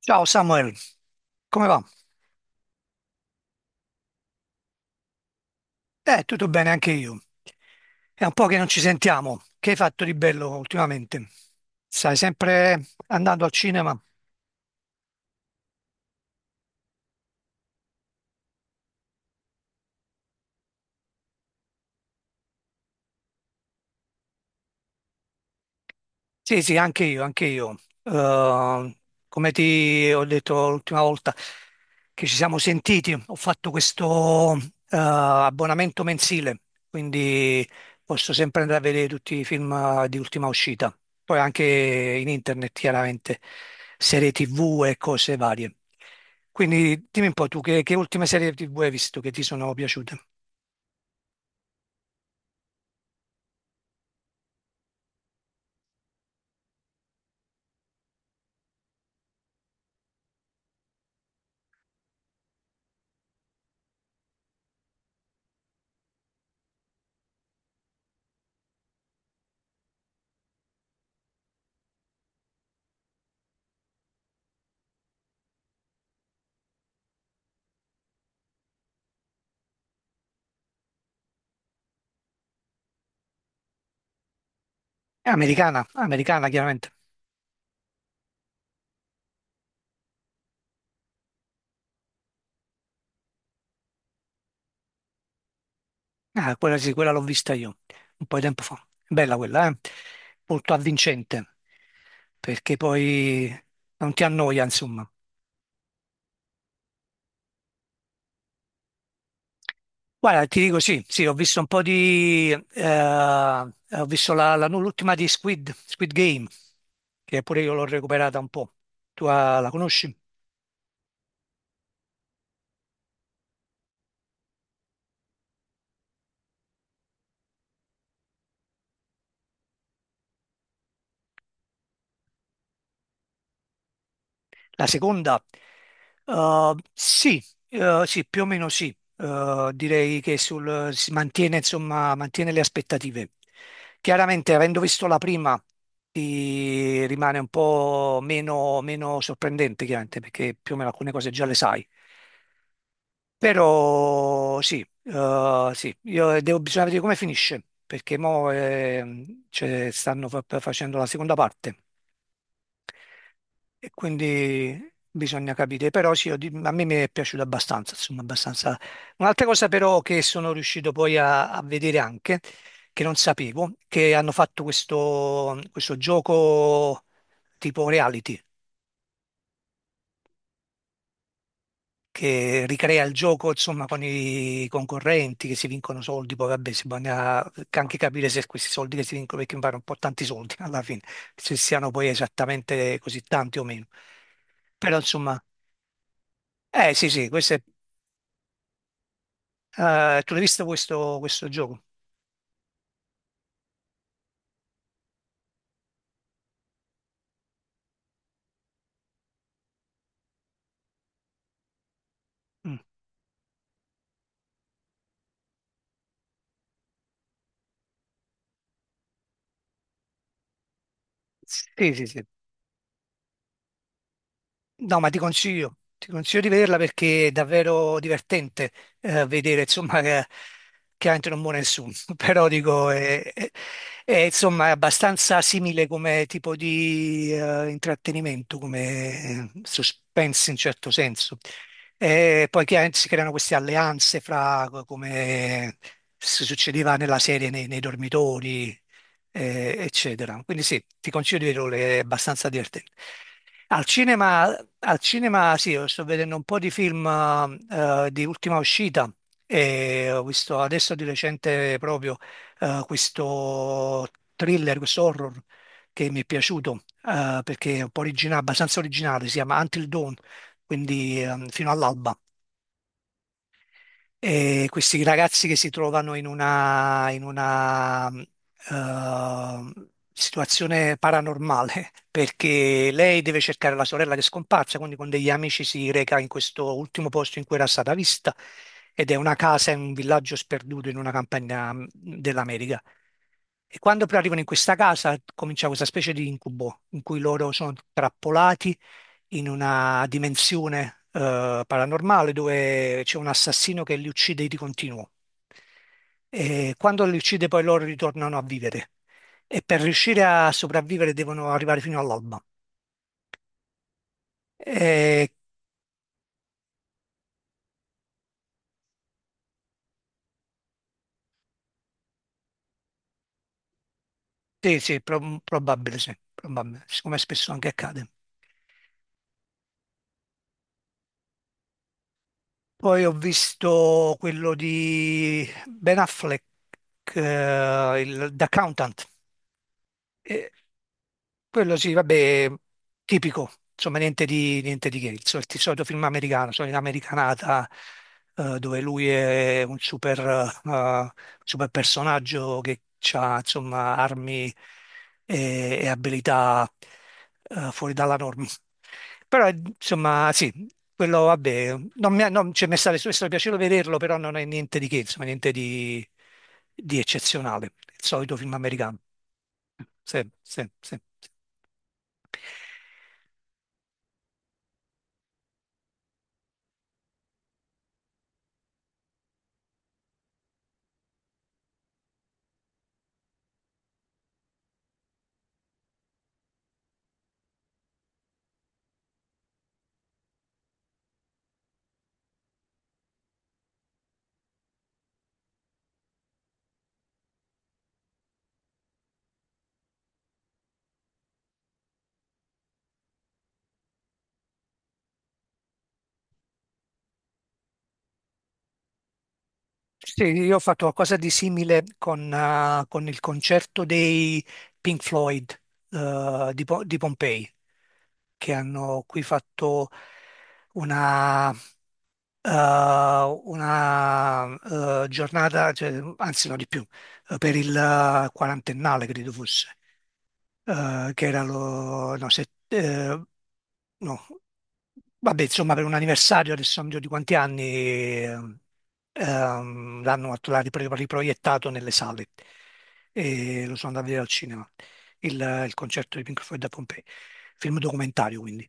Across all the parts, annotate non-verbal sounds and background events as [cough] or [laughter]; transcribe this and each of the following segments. Ciao Samuel, come va? Tutto bene anche io. È un po' che non ci sentiamo. Che hai fatto di bello ultimamente? Stai sempre andando al cinema? Sì, sì, anche io, anche io. Eh, Come ti ho detto l'ultima volta che ci siamo sentiti, ho fatto questo abbonamento mensile, quindi posso sempre andare a vedere tutti i film di ultima uscita, poi anche in internet, chiaramente, serie TV e cose varie. Quindi dimmi un po' tu che ultime serie TV hai visto che ti sono piaciute? È americana, americana chiaramente. Ah, quella sì, quella l'ho vista io un po' di tempo fa. Bella quella, eh? Molto avvincente, perché poi non ti annoia, insomma. Guarda, ti dico sì, sì, ho visto un po' di... ho visto l'ultima di Squid Game, che pure io l'ho recuperata un po'. Tu ah, la conosci? La seconda? Sì, sì, più o meno sì. Direi che si mantiene, insomma, mantiene le aspettative. Chiaramente, avendo visto la prima, ti rimane un po' meno, meno sorprendente, chiaramente, perché più o meno alcune cose già le sai. Però sì, sì, bisogna vedere come finisce, perché mo cioè, stanno facendo la seconda parte e quindi bisogna capire, però sì, a me mi è piaciuto abbastanza, insomma, abbastanza. Un'altra cosa però che sono riuscito poi a vedere anche, che non sapevo, che hanno fatto questo gioco tipo reality, che ricrea il gioco, insomma, con i concorrenti che si vincono soldi, poi vabbè, si bisogna anche capire se questi soldi che si vincono, perché mi pare un po' tanti soldi [laughs] alla fine, se siano poi esattamente così tanti o meno. Però insomma, eh sì, sì, questo è. Tu l'hai visto questo gioco? Mm. Sì, sì, sì. No, ma ti consiglio di vederla perché è davvero divertente vedere, insomma, che chiaramente non muore nessuno, [laughs] però dico, è, insomma, è abbastanza simile come tipo di intrattenimento, come suspense in certo senso. E poi chiaramente si creano queste alleanze fra come si succedeva nella serie nei dormitori eccetera. Quindi sì, ti consiglio di vederlo, è abbastanza divertente. Al cinema Al cinema sì, io sto vedendo un po' di film di ultima uscita e ho visto adesso di recente proprio questo thriller, questo horror che mi è piaciuto perché è un po' originale, abbastanza originale, si chiama Until Dawn, quindi fino all'alba. E questi ragazzi che si trovano in una situazione paranormale, [laughs] perché lei deve cercare la sorella che è scomparsa, quindi con degli amici si reca in questo ultimo posto in cui era stata vista, ed è una casa in un villaggio sperduto in una campagna dell'America. E quando poi arrivano in questa casa comincia questa specie di incubo in cui loro sono trappolati in una dimensione paranormale dove c'è un assassino che li uccide di continuo. E quando li uccide poi loro ritornano a vivere e per riuscire a sopravvivere devono arrivare fino all'alba. E, sì, sì, probabile, sì, probabile, siccome spesso anche accade. Poi ho visto quello di Ben Affleck, The Accountant. E quello sì, vabbè, tipico, insomma, niente di che, il solito film americano, solita americanata, dove lui è un super, eh, super personaggio che ha, insomma, armi e abilità, fuori dalla norma. Però, insomma, sì, quello, vabbè, non mi, ha- non, cioè, mi è stato piacevole vederlo, però non è niente di che, insomma, niente di, di eccezionale, il solito film americano. Sì, sì, sì. Sì, io ho fatto qualcosa di simile con il concerto dei Pink Floyd, di Pompei, che hanno qui fatto una, una, giornata, cioè, anzi no di più, per il quarantennale credo fosse. Che era lo, no, se- no, Vabbè, insomma, per un anniversario, adesso non mi ricordo di quanti anni, ehm, l'hanno fatto- l'ha ripro- riproiettato nelle sale e lo sono andato a vedere al cinema, il concerto di Pink Floyd a Pompei, film documentario quindi.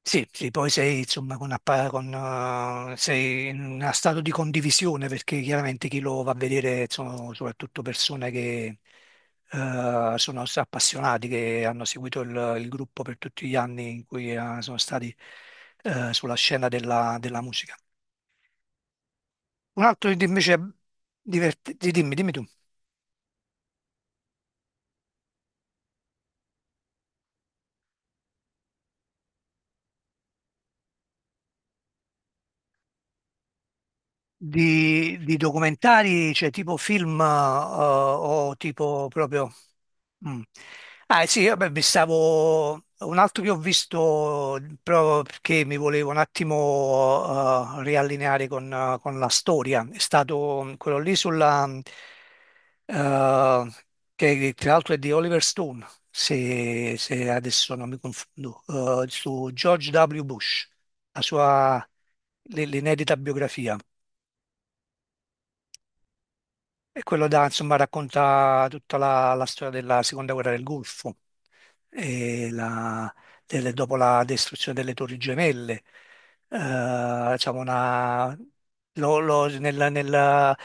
Sì, sì, poi sei insomma con, sei in uno stato di condivisione perché chiaramente chi lo va a vedere sono soprattutto persone che sono appassionati, che hanno seguito il gruppo per tutti gli anni in cui sono stati sulla scena della musica. Un altro invece, dimmi, dimmi tu. Di documentari, cioè tipo film o tipo proprio... Mm. Ah sì, vabbè, mi stavo... Un altro che ho visto proprio perché mi volevo un attimo riallineare con la storia è stato quello lì sulla... eh, che tra l'altro è di Oliver Stone, se adesso non mi confondo, su George W. Bush, la sua l'inedita biografia. E quello da, insomma, racconta tutta la storia della seconda guerra del Golfo, e la- dopo la distruzione delle Torri Gemelle. Diciamo lo- lo- nel, nel-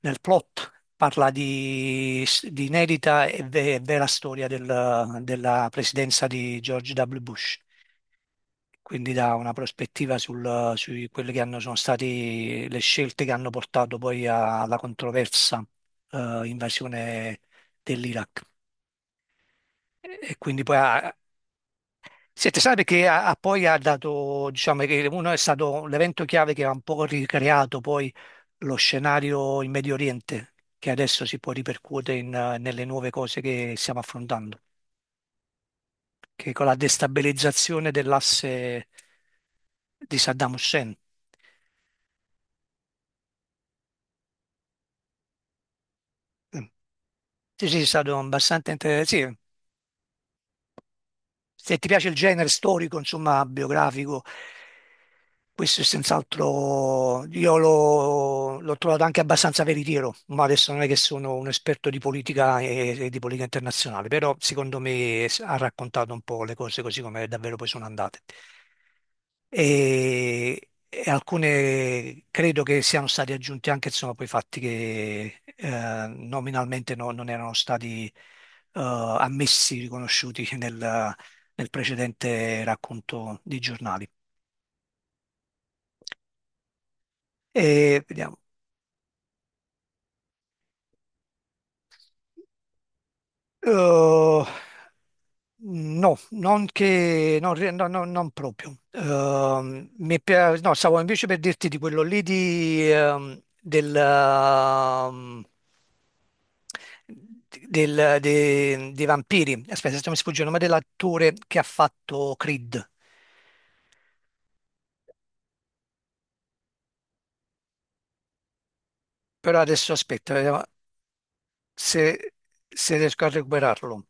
nel plot parla di inedita e vera storia della presidenza di George W. Bush, quindi dà una prospettiva su quelle che hanno, sono state le scelte che hanno portato alla controversa invasione dell'Iraq. E quindi poi ha, si è tesoro perché ha, ha poi ha dato, diciamo che uno è stato l'evento chiave che ha un po' ricreato poi lo scenario in Medio Oriente, che adesso si può ripercuotere in, nelle nuove cose che stiamo affrontando, che è con la destabilizzazione dell'asse di Saddam Hussein. Sì, sì, è stato abbastanza interessante se ti piace il genere storico, insomma, biografico, questo è senz'altro, l'ho trovato anche abbastanza veritiero, ma adesso non è che sono un esperto di politica e di politica internazionale, però secondo me ha raccontato un po' le cose così come davvero poi sono andate. E alcune credo che siano stati aggiunti anche insomma, poi fatti che nominalmente non erano stati ammessi, riconosciuti nel precedente racconto di giornali. E vediamo. Eh, no, non che, non, re- no, no, non proprio. No, stavo invece per dirti di quello lì di, del, dei vampiri. Aspetta, se mi sfugge il nome dell'attore che ha fatto Creed. Però adesso aspetta, vediamo. se, Se riesco a recuperarlo.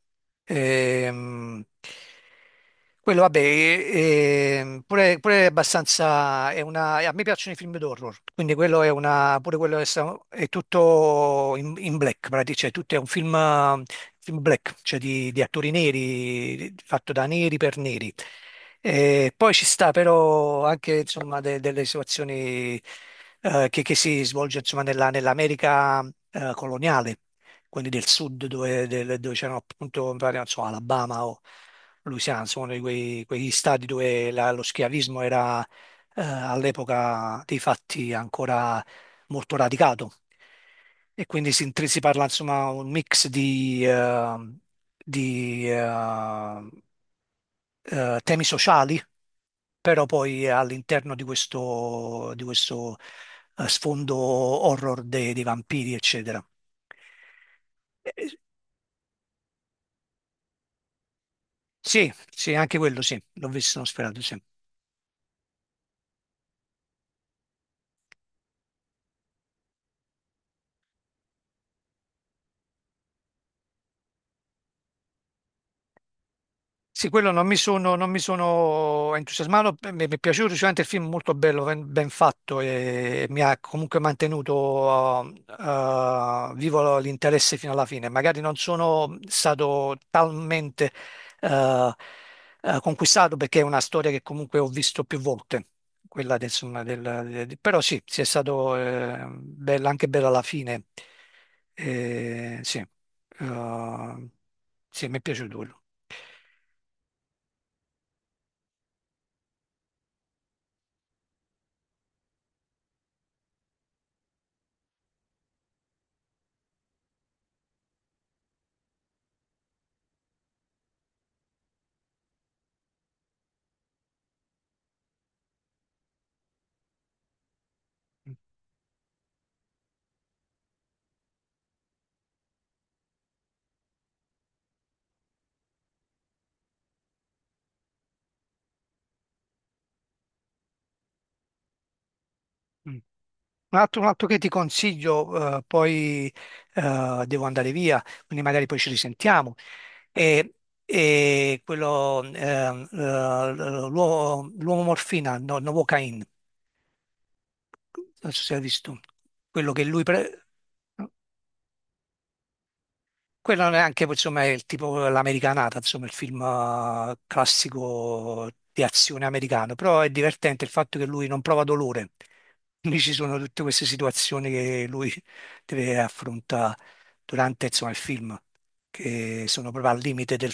Ehm, quello, vabbè, e pure, pure è abbastanza. È una, a me piacciono i film d'horror, quindi quello è una. Pure quello è, è tutto in black, praticamente, cioè tutto è un film, film black, cioè di attori neri, fatto da neri per neri. E poi ci sta però anche insomma, delle situazioni che si svolge insomma, nell'America coloniale quindi del sud dove c'erano appunto, mi pare, non so, Alabama o Louisiana, insomma, uno di quegli stati dove lo schiavismo era all'epoca dei fatti ancora molto radicato. E quindi si parla insomma un mix di, temi sociali, però poi all'interno di di questo, sfondo horror dei vampiri, eccetera. Eh, sì, sì, anche quello sì, l'ho visto, l'ho sperato, sì. Sì, quello non mi sono entusiasmato, beh, mi è piaciuto sicuramente il film, molto bello, ben, ben fatto e mi ha comunque mantenuto vivo l'interesse fino alla fine. Magari non sono stato talmente eh, conquistato perché è una storia che comunque ho visto più volte, quella del, insomma, però sì, sì, è stato bello, anche bello alla fine. Sì, sì, mi è piaciuto quello. Mm. Un altro che ti consiglio, poi devo andare via, quindi magari poi ci risentiamo. È, è quello, l'uomo morfina, no, Novocaine, non so se hai visto, quello quello non è anche, insomma, è il tipo l'americanata, insomma, il film classico di azione americano, però è divertente il fatto che lui non prova dolore, quindi ci sono tutte queste situazioni che lui deve affrontare durante, insomma, il film, che sono proprio al limite del...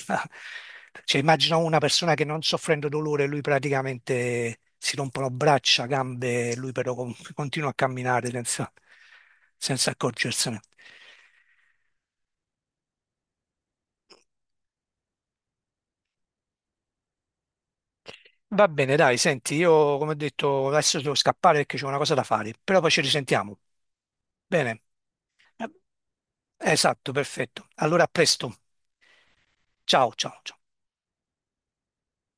Cioè, immagino una persona che non soffrendo dolore, lui praticamente si rompono braccia, gambe, lui però continua a camminare senza, senza accorgersene. Va bene, dai, senti, io come ho detto adesso devo scappare perché c'è una cosa da fare, però poi ci risentiamo. Bene. Eh, Esatto, perfetto. Allora a presto. Ciao, ciao, ciao.